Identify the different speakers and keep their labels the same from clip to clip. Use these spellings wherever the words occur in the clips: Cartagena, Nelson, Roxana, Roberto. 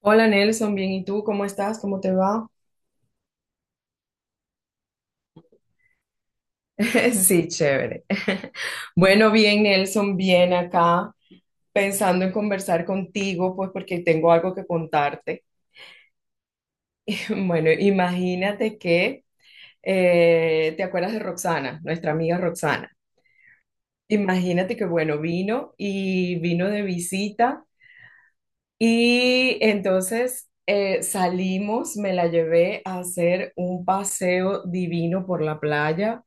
Speaker 1: Hola Nelson, bien, ¿y tú cómo estás? ¿Cómo te va? Sí, chévere. Bueno, bien Nelson, bien acá, pensando en conversar contigo, pues porque tengo algo que contarte. Bueno, imagínate que, ¿te acuerdas de Roxana, nuestra amiga Roxana? Imagínate que, bueno, vino de visita y entonces salimos, me la llevé a hacer un paseo divino por la playa.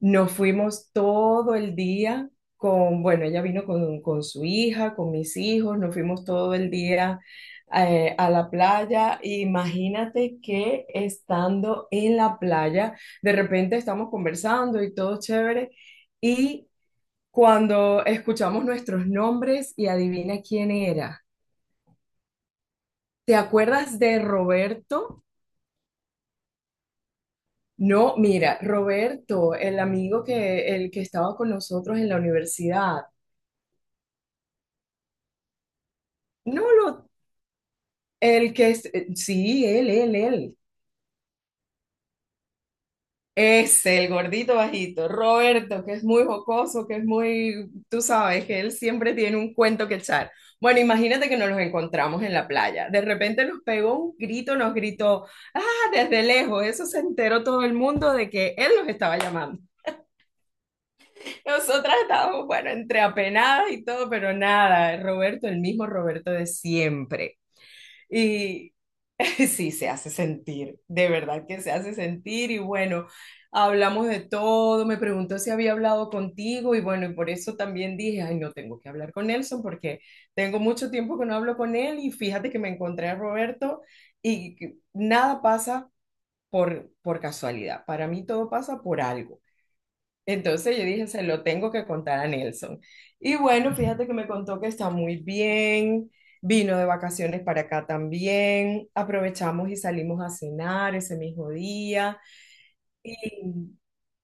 Speaker 1: Nos fuimos todo el día con, bueno, ella vino con su hija, con mis hijos, nos fuimos todo el día a la playa. Imagínate que estando en la playa, de repente estamos conversando y todo chévere, y cuando escuchamos nuestros nombres y adivina quién era. ¿Te acuerdas de Roberto? No, mira, Roberto, el que estaba con nosotros en la universidad. No lo El que es, sí, él. Es el gordito bajito, Roberto, que es muy jocoso, que es muy, tú sabes, que él siempre tiene un cuento que echar. Bueno, imagínate que nos los encontramos en la playa. De repente nos pegó un grito, nos gritó, ah, desde lejos. Eso se enteró todo el mundo de que él nos estaba llamando. Nosotras estábamos, bueno, entre apenadas y todo, pero nada, Roberto, el mismo Roberto de siempre. y Sí, se hace sentir, de verdad que se hace sentir y bueno, hablamos de todo, me preguntó si había hablado contigo y bueno, y por eso también dije, ay, no tengo que hablar con Nelson porque tengo mucho tiempo que no hablo con él y fíjate que me encontré a Roberto y que nada pasa por casualidad, para mí todo pasa por algo. Entonces yo dije, se lo tengo que contar a Nelson. Y bueno, fíjate que me contó que está muy bien, vino de vacaciones para acá también, aprovechamos y salimos a cenar ese mismo día.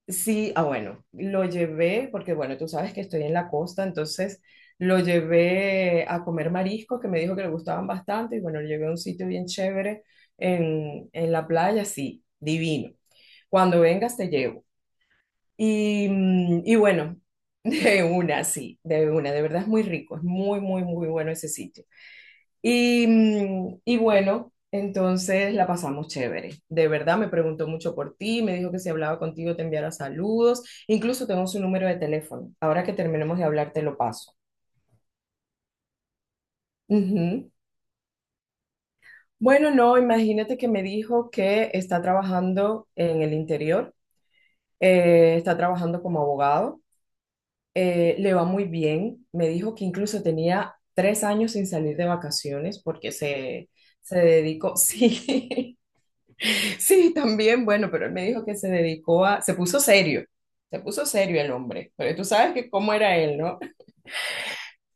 Speaker 1: Sí, ah bueno, lo llevé, porque bueno, tú sabes que estoy en la costa, entonces lo llevé a comer mariscos que me dijo que le gustaban bastante y bueno, lo llevé a un sitio bien chévere en la playa, sí, divino. Cuando vengas te llevo. Y, y bueno, de una, sí, de una, de verdad es muy rico, es muy, muy, muy bueno ese sitio. Y, y bueno, entonces la pasamos chévere. De verdad me preguntó mucho por ti, me dijo que si hablaba contigo te enviara saludos, incluso tengo su número de teléfono. Ahora que terminemos de hablar te lo paso. Ujú. Bueno, no, imagínate que me dijo que está trabajando en el interior, está trabajando como abogado le va muy bien. Me dijo que incluso tenía tres años sin salir de vacaciones porque se dedicó, sí, sí, también, bueno, pero él me dijo que se puso serio el hombre, pero tú sabes que cómo era él, ¿no?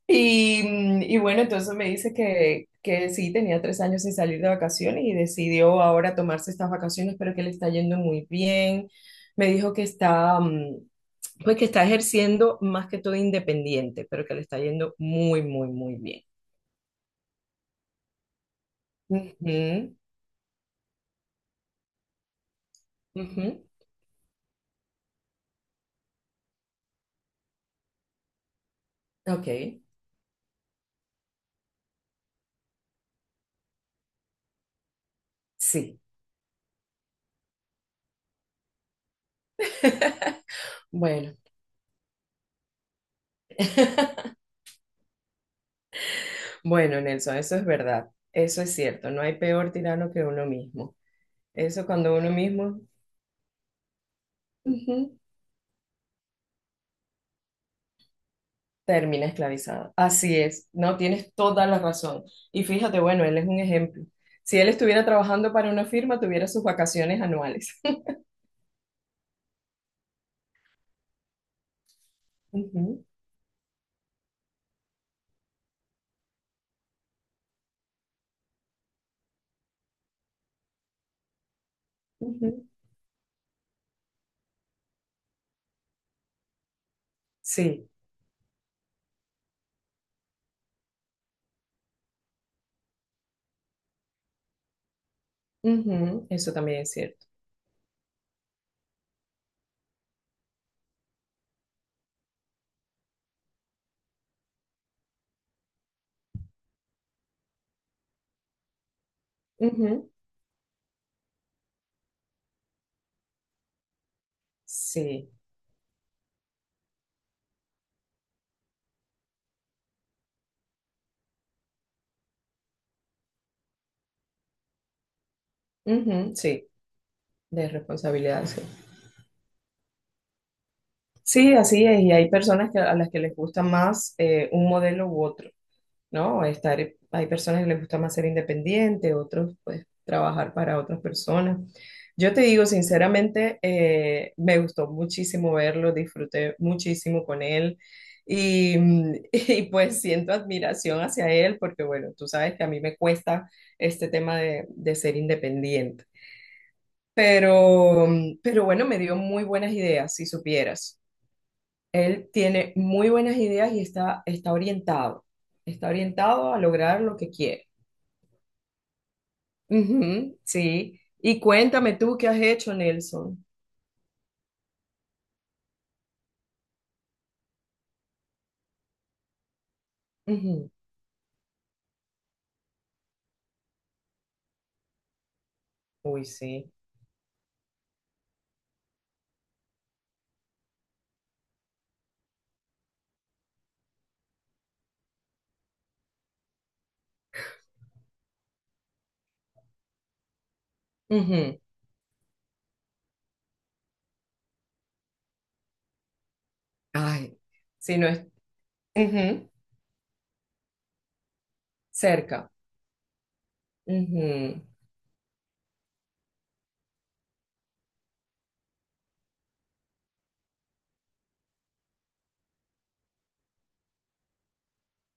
Speaker 1: Y, y bueno, entonces me dice que sí, tenía tres años sin salir de vacaciones y decidió ahora tomarse estas vacaciones, pero que le está yendo muy bien. Me dijo que está... pues que está ejerciendo más que todo independiente, pero que le está yendo muy, muy, muy bien. Ujú, ujú. Ok, sí. Bueno, bueno, Nelson, eso es verdad. Eso es cierto. No hay peor tirano que uno mismo. Eso cuando uno mismo ujú, termina esclavizado. Así es. No, tienes toda la razón. Y fíjate, bueno, él es un ejemplo. Si él estuviera trabajando para una firma, tuviera sus vacaciones anuales. Ujú, ujú. Sí. Ujú, eso también es cierto. Ujú, Sí, ujú, sí, de responsabilidad, sí. Sí, así es, y hay personas que, a las que les gusta más un modelo u otro. ¿No? Estar, hay personas que les gusta más ser independiente, otros pues trabajar para otras personas. Yo te digo sinceramente, me gustó muchísimo verlo, disfruté muchísimo con él y, y, pues siento admiración hacia él porque bueno, tú sabes que a mí me cuesta este tema de ser independiente. Pero, pero bueno, me dio muy buenas ideas, si supieras. Él tiene muy buenas ideas y está, está orientado. Está orientado a lograr lo que quiere. Ujú, sí. Y cuéntame tú qué has hecho, Nelson. Ujú. Uy, sí. Ujú. Ay, si no es ujú, cerca. Ujú.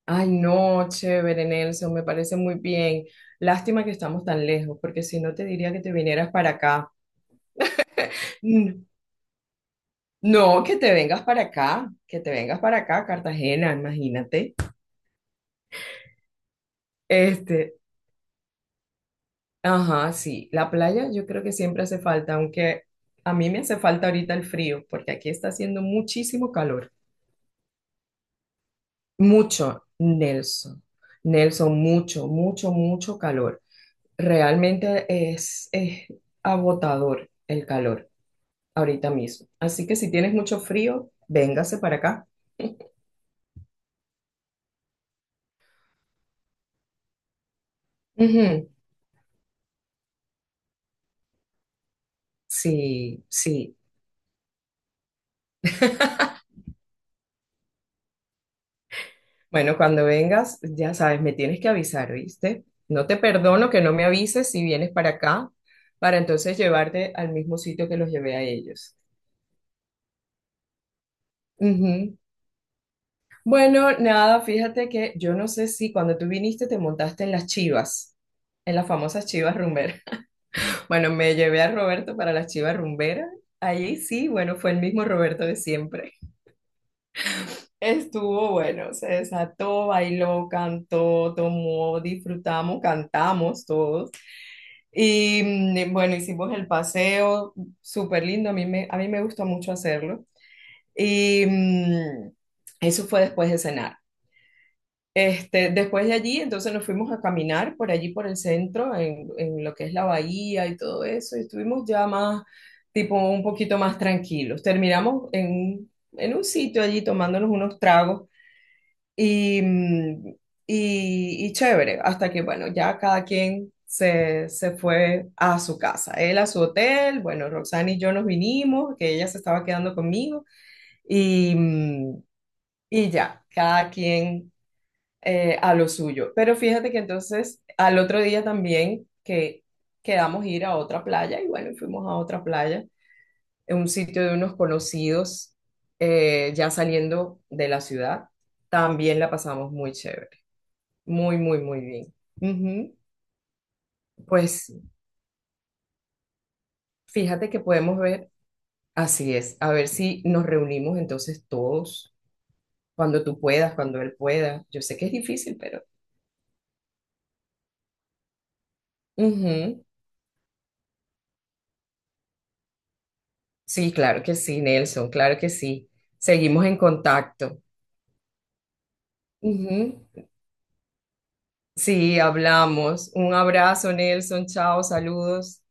Speaker 1: Ay, no, chévere, Nelson, me parece muy bien. Lástima que estamos tan lejos, porque si no te diría que te vinieras para acá. Mm, No, que te vengas para acá, que te vengas para acá, Cartagena, imagínate. Este, ajá, sí, la playa yo creo que siempre hace falta, aunque a mí me hace falta ahorita el frío, porque aquí está haciendo muchísimo calor. Mucho, Nelson. Nelson, mucho, mucho, mucho calor. Realmente es agotador el calor ahorita mismo. Así que si tienes mucho frío, véngase para acá. Ujú, sí, sí. Bueno, cuando vengas, ya sabes, me tienes que avisar, ¿viste? No te perdono que no me avises si vienes para acá, para entonces llevarte al mismo sitio que los llevé a ellos. Ujú. Bueno, nada, fíjate que yo no sé si cuando tú viniste te montaste en las chivas, en las famosas chivas rumberas. Bueno, me llevé a Roberto para las chivas rumberas. Allí sí, bueno, fue el mismo Roberto de siempre. Estuvo bueno, se desató, bailó, cantó, tomó, disfrutamos, cantamos todos. Y bueno, hicimos el paseo, súper lindo, a mí me gustó mucho hacerlo. Y eso fue después de cenar. Este, después de allí, entonces nos fuimos a caminar por allí, por el centro, en lo que es la bahía y todo eso, y estuvimos ya más, tipo, un poquito más tranquilos. En un sitio allí tomándonos unos tragos y, y chévere, hasta que, bueno, ya cada quien se fue a su casa, él a su hotel, bueno, Roxana y yo nos vinimos, que ella se estaba quedando conmigo, y, y ya, cada quien a lo suyo. Pero fíjate que entonces al otro día también que quedamos ir a otra playa, y bueno, fuimos a otra playa, en un sitio de unos conocidos, ya saliendo de la ciudad, también la pasamos muy chévere. Muy, muy, muy bien. Ujú. Pues fíjate que podemos ver, así es, a ver si nos reunimos entonces todos, cuando tú puedas, cuando él pueda. Yo sé que es difícil, pero... Ujú. Sí, claro que sí, Nelson, claro que sí. Seguimos en contacto. Ujú. Sí, hablamos. Un abrazo, Nelson. Chao, saludos.